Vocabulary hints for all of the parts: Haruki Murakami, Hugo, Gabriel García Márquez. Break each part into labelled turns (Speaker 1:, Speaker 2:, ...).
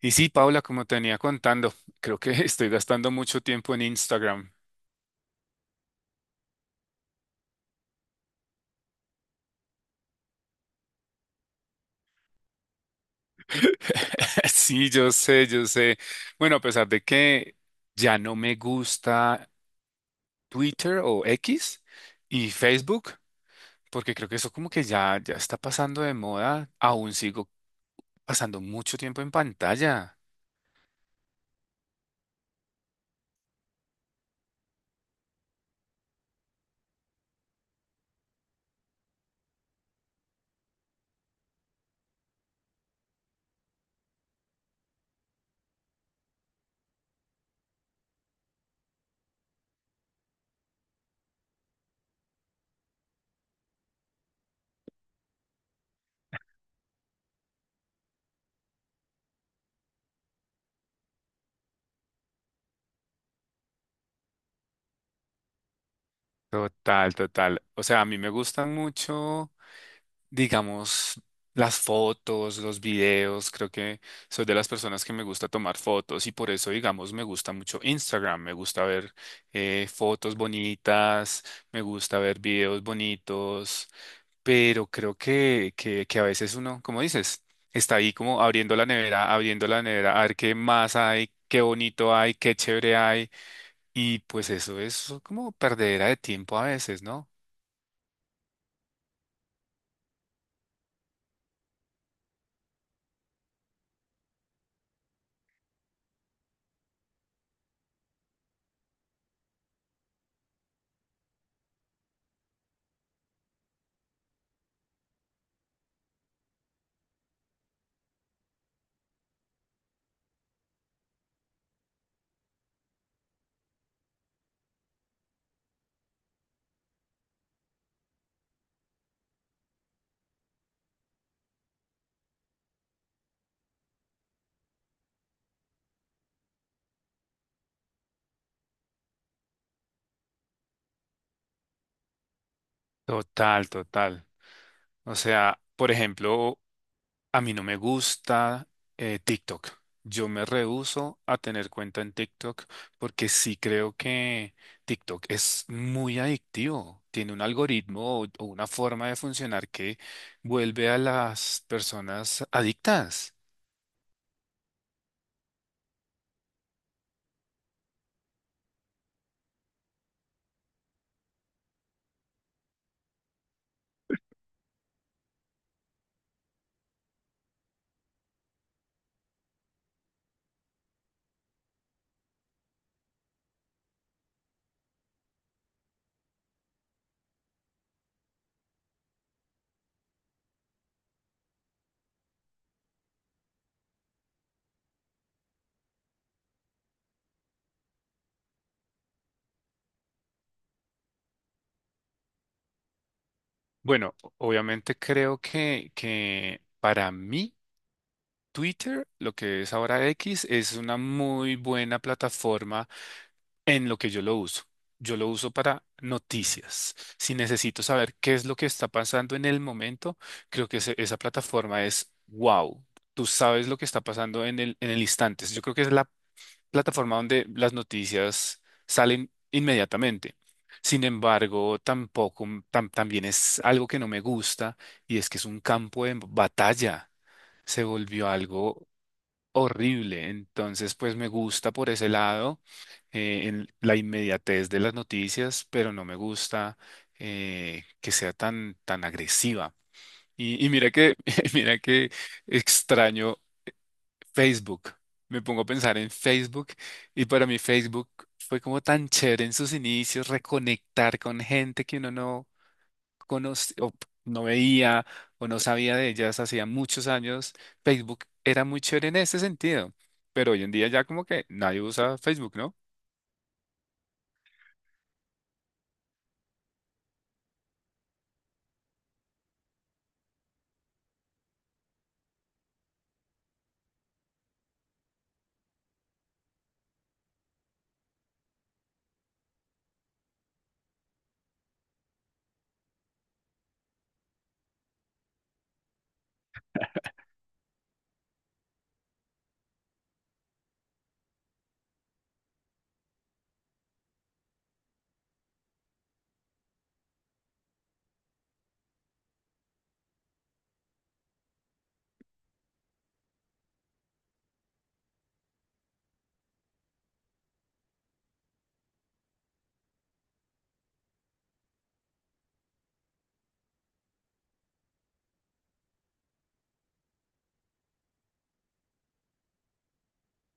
Speaker 1: Y sí, Paula, como te venía contando, creo que estoy gastando mucho tiempo en Instagram. Sí, yo sé, yo sé. Bueno, a pesar de que ya no me gusta Twitter o X y Facebook, porque creo que eso como que ya está pasando de moda, aún sigo pasando mucho tiempo en pantalla. Total, total. O sea, a mí me gustan mucho, digamos, las fotos, los videos. Creo que soy de las personas que me gusta tomar fotos y por eso, digamos, me gusta mucho Instagram. Me gusta ver fotos bonitas, me gusta ver videos bonitos, pero creo que a veces uno, como dices, está ahí como abriendo la nevera, a ver qué más hay. Qué bonito hay, qué chévere hay. Y pues eso es como perdedera de tiempo a veces, ¿no? Total, total. O sea, por ejemplo, a mí no me gusta TikTok. Yo me rehúso a tener cuenta en TikTok porque sí creo que TikTok es muy adictivo. Tiene un algoritmo o una forma de funcionar que vuelve a las personas adictas. Bueno, obviamente creo que para mí Twitter, lo que es ahora X, es una muy buena plataforma en lo que yo lo uso. Yo lo uso para noticias. Si necesito saber qué es lo que está pasando en el momento, creo que esa plataforma es wow. Tú sabes lo que está pasando en el instante. Yo creo que es la plataforma donde las noticias salen inmediatamente. Sin embargo, tampoco, también es algo que no me gusta, y es que es un campo de batalla. Se volvió algo horrible. Entonces, pues me gusta por ese lado, en la inmediatez de las noticias, pero no me gusta que sea tan agresiva. Y mira que, mira que extraño Facebook. Me pongo a pensar en Facebook, y para mí Facebook fue como tan chévere en sus inicios, reconectar con gente que uno no conoce o no veía o no sabía de ellas hacía muchos años. Facebook era muy chévere en ese sentido, pero hoy en día ya como que nadie usa Facebook, ¿no?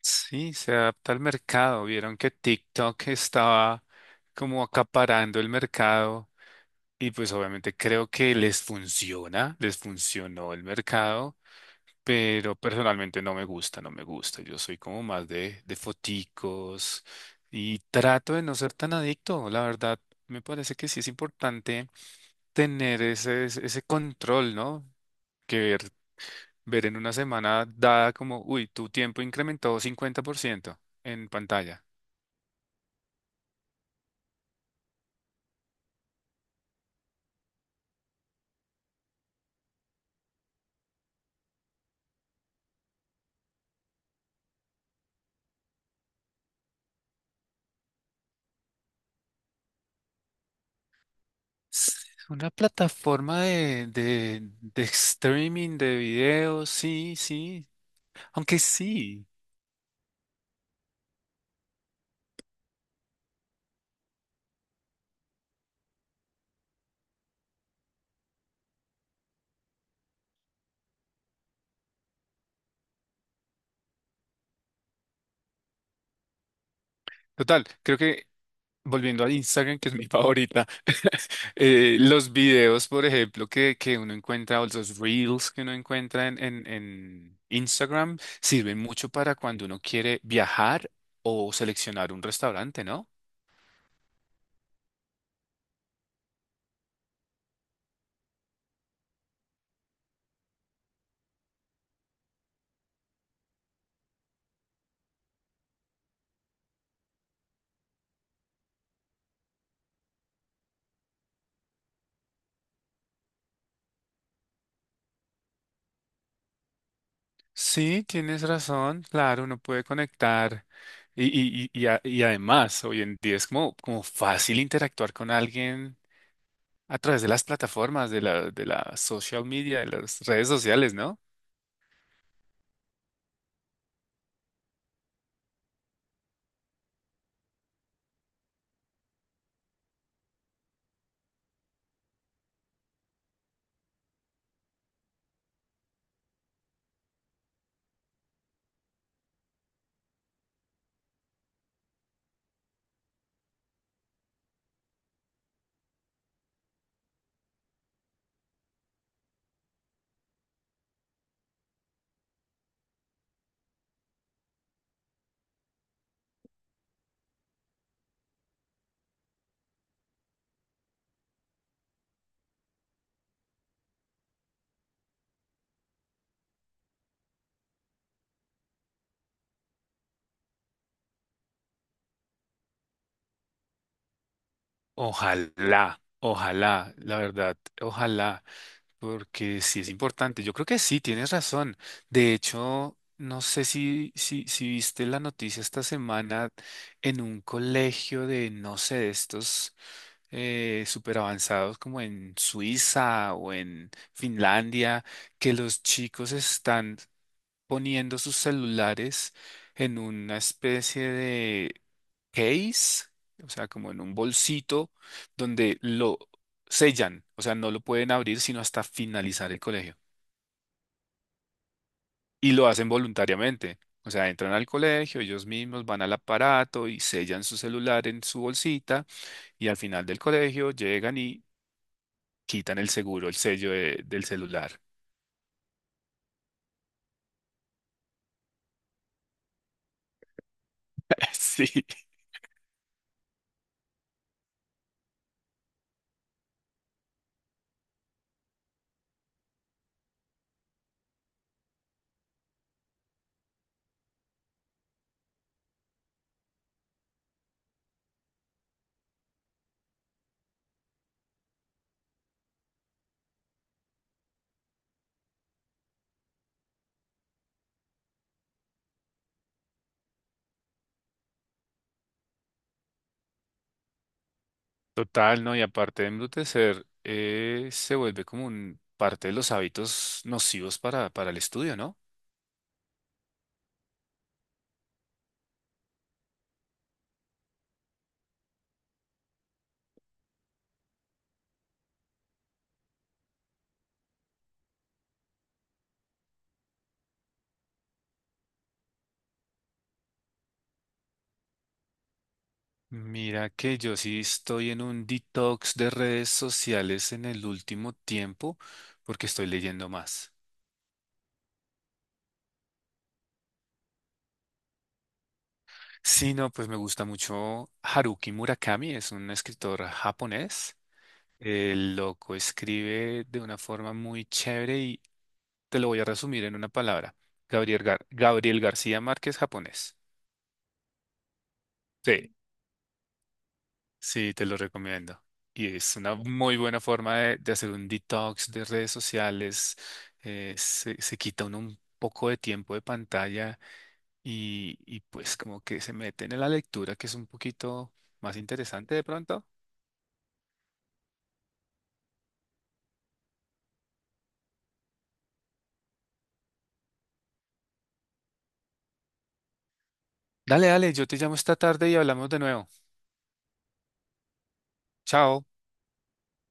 Speaker 1: Sí, se adapta al mercado. Vieron que TikTok estaba como acaparando el mercado, y pues obviamente creo que les funciona, les funcionó el mercado, pero personalmente no me gusta, no me gusta. Yo soy como más de foticos, y trato de no ser tan adicto. La verdad, me parece que sí es importante tener ese, ese control, ¿no? Que ver, ver en una semana dada como, uy, tu tiempo incrementó 50% en pantalla. Una plataforma de streaming de videos, sí, sí. Aunque sí. Total, creo que volviendo a Instagram, que es mi favorita, los videos, por ejemplo, que uno encuentra, o los reels que uno encuentra en Instagram, sirven mucho para cuando uno quiere viajar o seleccionar un restaurante, ¿no? Sí, tienes razón, claro, uno puede conectar y además hoy en día es como, como fácil interactuar con alguien a través de las plataformas, de la social media, de las redes sociales, ¿no? Ojalá, ojalá, la verdad, ojalá. Porque sí es importante. Yo creo que sí, tienes razón. De hecho, no sé si viste la noticia esta semana en un colegio de, no sé, de estos súper avanzados como en Suiza o en Finlandia, que los chicos están poniendo sus celulares en una especie de case, o sea, como en un bolsito donde lo sellan, o sea, no lo pueden abrir sino hasta finalizar el colegio. Y lo hacen voluntariamente, o sea, entran al colegio, ellos mismos van al aparato y sellan su celular en su bolsita, y al final del colegio llegan y quitan el seguro, el sello del celular. Sí. Total, ¿no? Y aparte de embrutecer, se vuelve como un parte de los hábitos nocivos para el estudio, ¿no? Mira que yo sí estoy en un detox de redes sociales en el último tiempo porque estoy leyendo más. Sí, no, pues me gusta mucho Haruki Murakami, es un escritor japonés. El loco escribe de una forma muy chévere, y te lo voy a resumir en una palabra. Gabriel García Márquez, japonés. Sí. Sí, te lo recomiendo. Y es una muy buena forma de hacer un detox de redes sociales. Se quita uno un poco de tiempo de pantalla, y pues como que se meten en la lectura, que es un poquito más interesante de pronto. Dale, dale, yo te llamo esta tarde y hablamos de nuevo. Chao.